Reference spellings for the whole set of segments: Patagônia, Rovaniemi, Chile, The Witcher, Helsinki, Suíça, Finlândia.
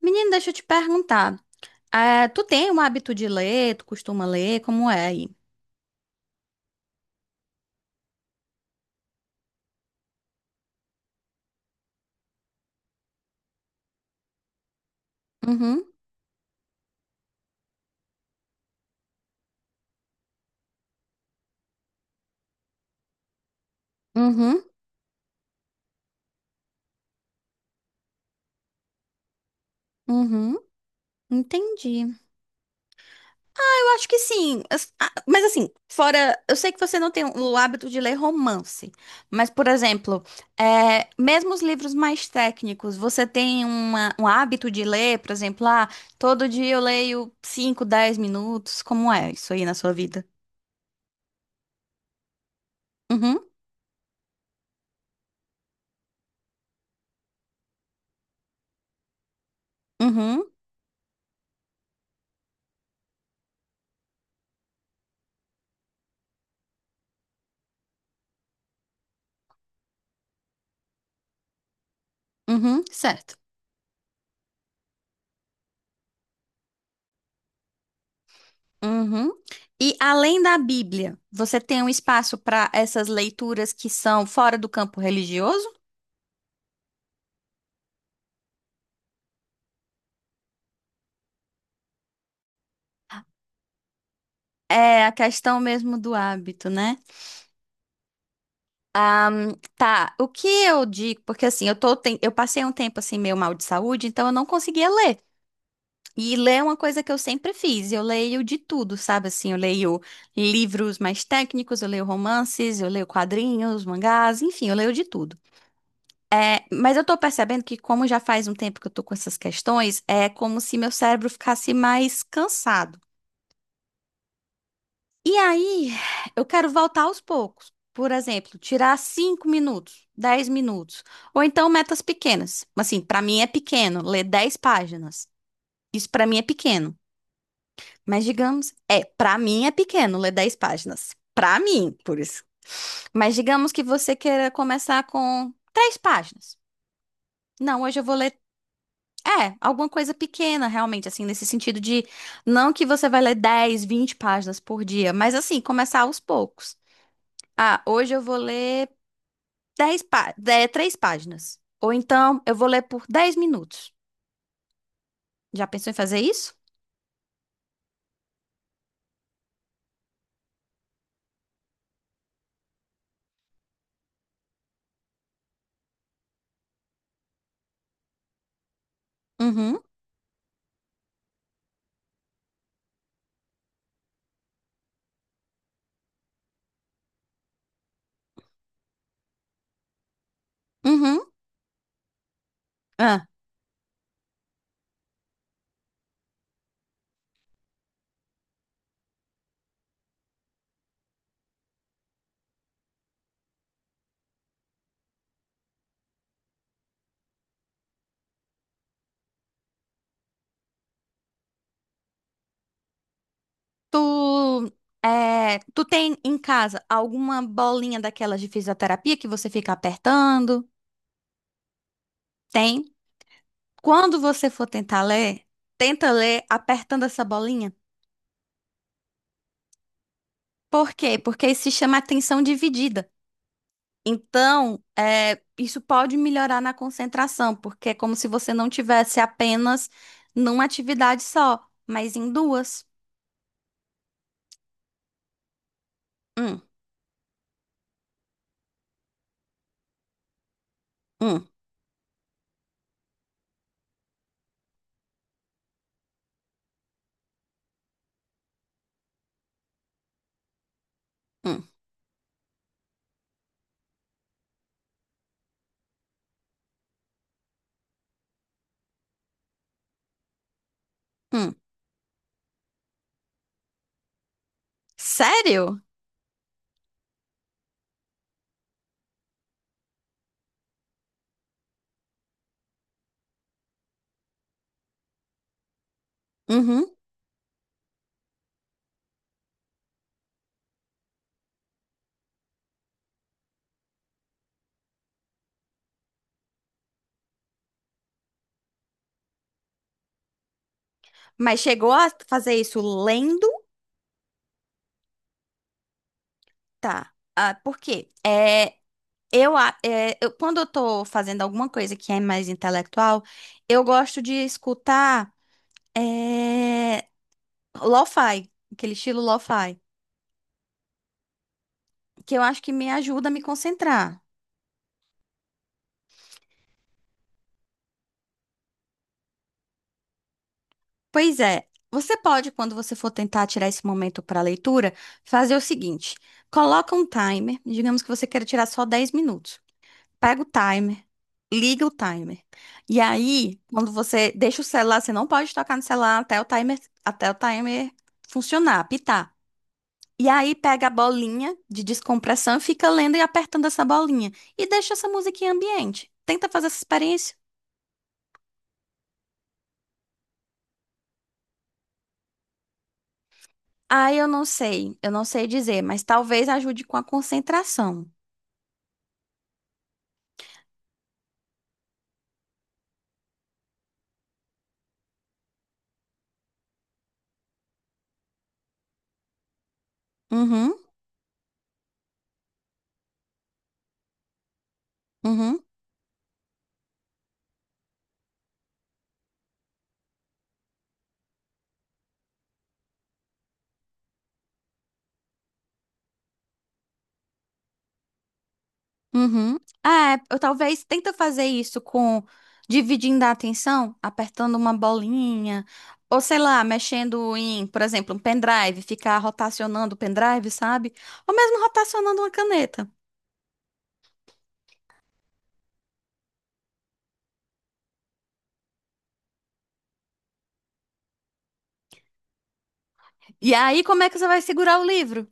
Menino, deixa eu te perguntar. É, tu tem um hábito de ler? Tu costuma ler? Como é aí? Uhum, uhum, uhum. Entendi. Eu acho que sim. Mas assim, fora. Eu sei que você não tem o hábito de ler romance. Mas, por exemplo, é, mesmo os livros mais técnicos, você tem um hábito de ler, por exemplo, ah, todo dia eu leio 5, 10 minutos. Como é isso aí na sua vida? Uhum, uhum, uhum. Certo. Uhum. E além da Bíblia, você tem um espaço para essas leituras que são fora do campo religioso? É a questão mesmo do hábito, né? Tá, o que eu digo, porque assim, eu tô, eu passei um tempo assim meio mal de saúde, então eu não conseguia ler. E ler é uma coisa que eu sempre fiz. Eu leio de tudo, sabe? Assim, eu leio livros mais técnicos, eu leio romances, eu leio quadrinhos, mangás, enfim, eu leio de tudo. É, mas eu tô percebendo que, como já faz um tempo que eu tô com essas questões, é como se meu cérebro ficasse mais cansado. E aí, eu quero voltar aos poucos. Por exemplo, tirar 5 minutos, 10 minutos. Ou então metas pequenas. Assim, pra mim é pequeno ler 10 páginas. Isso pra mim é pequeno. Mas digamos, é, pra mim é pequeno ler 10 páginas. Pra mim, por isso. Mas digamos que você queira começar com 3 páginas. Não, hoje eu vou ler é, alguma coisa pequena, realmente, assim, nesse sentido de não que você vai ler 10, 20 páginas por dia, mas assim, começar aos poucos. Ah, hoje eu vou ler 3 páginas. Ou então eu vou ler por 10 minutos. Já pensou em fazer isso? Uhum, uhum. Ah, tu, é, tu tem em casa alguma bolinha daquelas de fisioterapia que você fica apertando? Tem? Quando você for tentar ler, tenta ler apertando essa bolinha. Por quê? Porque isso se chama atenção dividida. Então, é, isso pode melhorar na concentração, porque é como se você não tivesse apenas numa atividade só, mas em duas. Hum, hum, hum, hum. Sério? Uhum. Mas chegou a fazer isso lendo? Tá. Ah, por quê? É, eu, a- é, eu- Quando eu tô fazendo alguma coisa que é mais intelectual, eu gosto de escutar é, lo-fi, aquele estilo lo-fi. Que eu acho que me ajuda a me concentrar. Pois é, você pode, quando você for tentar tirar esse momento para leitura, fazer o seguinte: coloca um timer, digamos que você queira tirar só 10 minutos. Pega o timer, liga o timer. E aí, quando você deixa o celular, você não pode tocar no celular até o timer funcionar, apitar. E aí pega a bolinha de descompressão e fica lendo e apertando essa bolinha. E deixa essa musiquinha ambiente. Tenta fazer essa experiência. Ah, eu não sei dizer, mas talvez ajude com a concentração. Uhum, uhum, uhum. Ah, é, eu talvez tenta fazer isso com dividindo a atenção, apertando uma bolinha, ou sei lá, mexendo em, por exemplo, um pendrive, ficar rotacionando o pendrive, sabe? Ou mesmo rotacionando uma caneta. E aí, como é que você vai segurar o livro?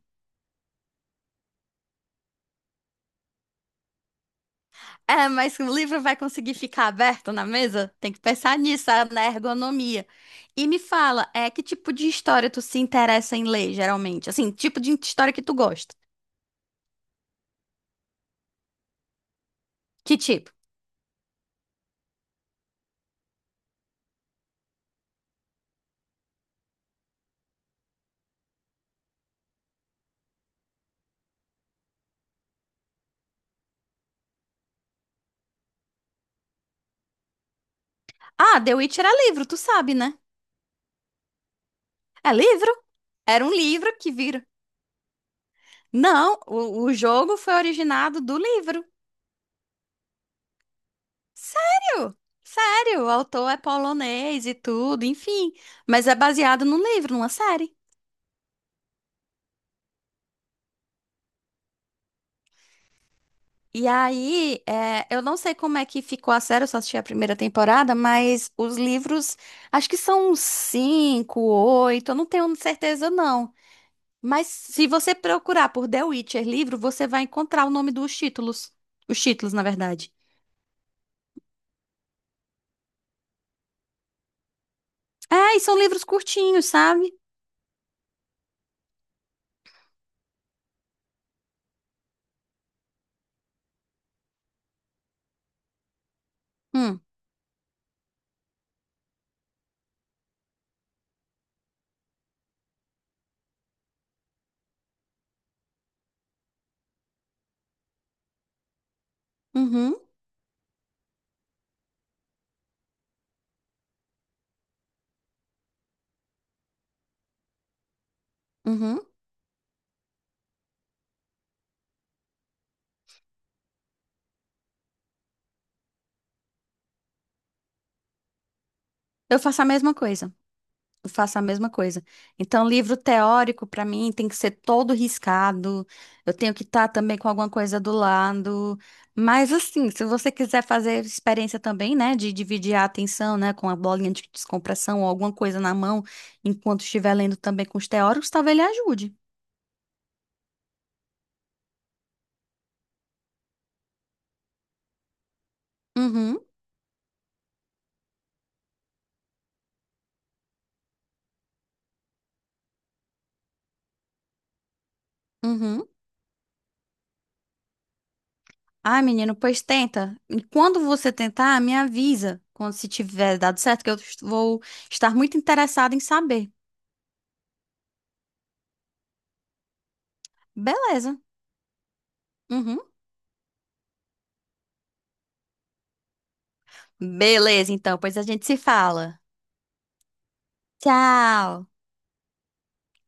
É, mas o livro vai conseguir ficar aberto na mesa? Tem que pensar nisso, ah, na ergonomia. E me fala, é que tipo de história tu se interessa em ler, geralmente? Assim, tipo de história que tu gosta? Que tipo? Ah, The Witch era livro, tu sabe, né? É livro? Era um livro que vira. Não, o jogo foi originado do livro. Sério? Sério, o autor é polonês e tudo, enfim. Mas é baseado num livro, numa série. E aí, é, eu não sei como é que ficou a série, eu só assisti a primeira temporada, mas os livros, acho que são uns cinco, oito, eu não tenho certeza não. Mas se você procurar por The Witcher livro, você vai encontrar o nome dos títulos. Os títulos, na verdade. É, e são livros curtinhos, sabe? Hum, uhum, uhum. Eu faço a mesma coisa. Eu faço a mesma coisa. Então, livro teórico, para mim, tem que ser todo riscado. Eu tenho que estar também com alguma coisa do lado. Mas, assim, se você quiser fazer experiência também, né, de dividir a atenção, né, com a bolinha de descompressão ou alguma coisa na mão, enquanto estiver lendo também com os teóricos, talvez ele ajude. Uhum, uhum. Ai, menino, pois tenta. E quando você tentar, me avisa. Quando se tiver dado certo, que vou estar muito interessada em saber. Beleza. Uhum. Beleza, então, pois a gente se fala. Tchau!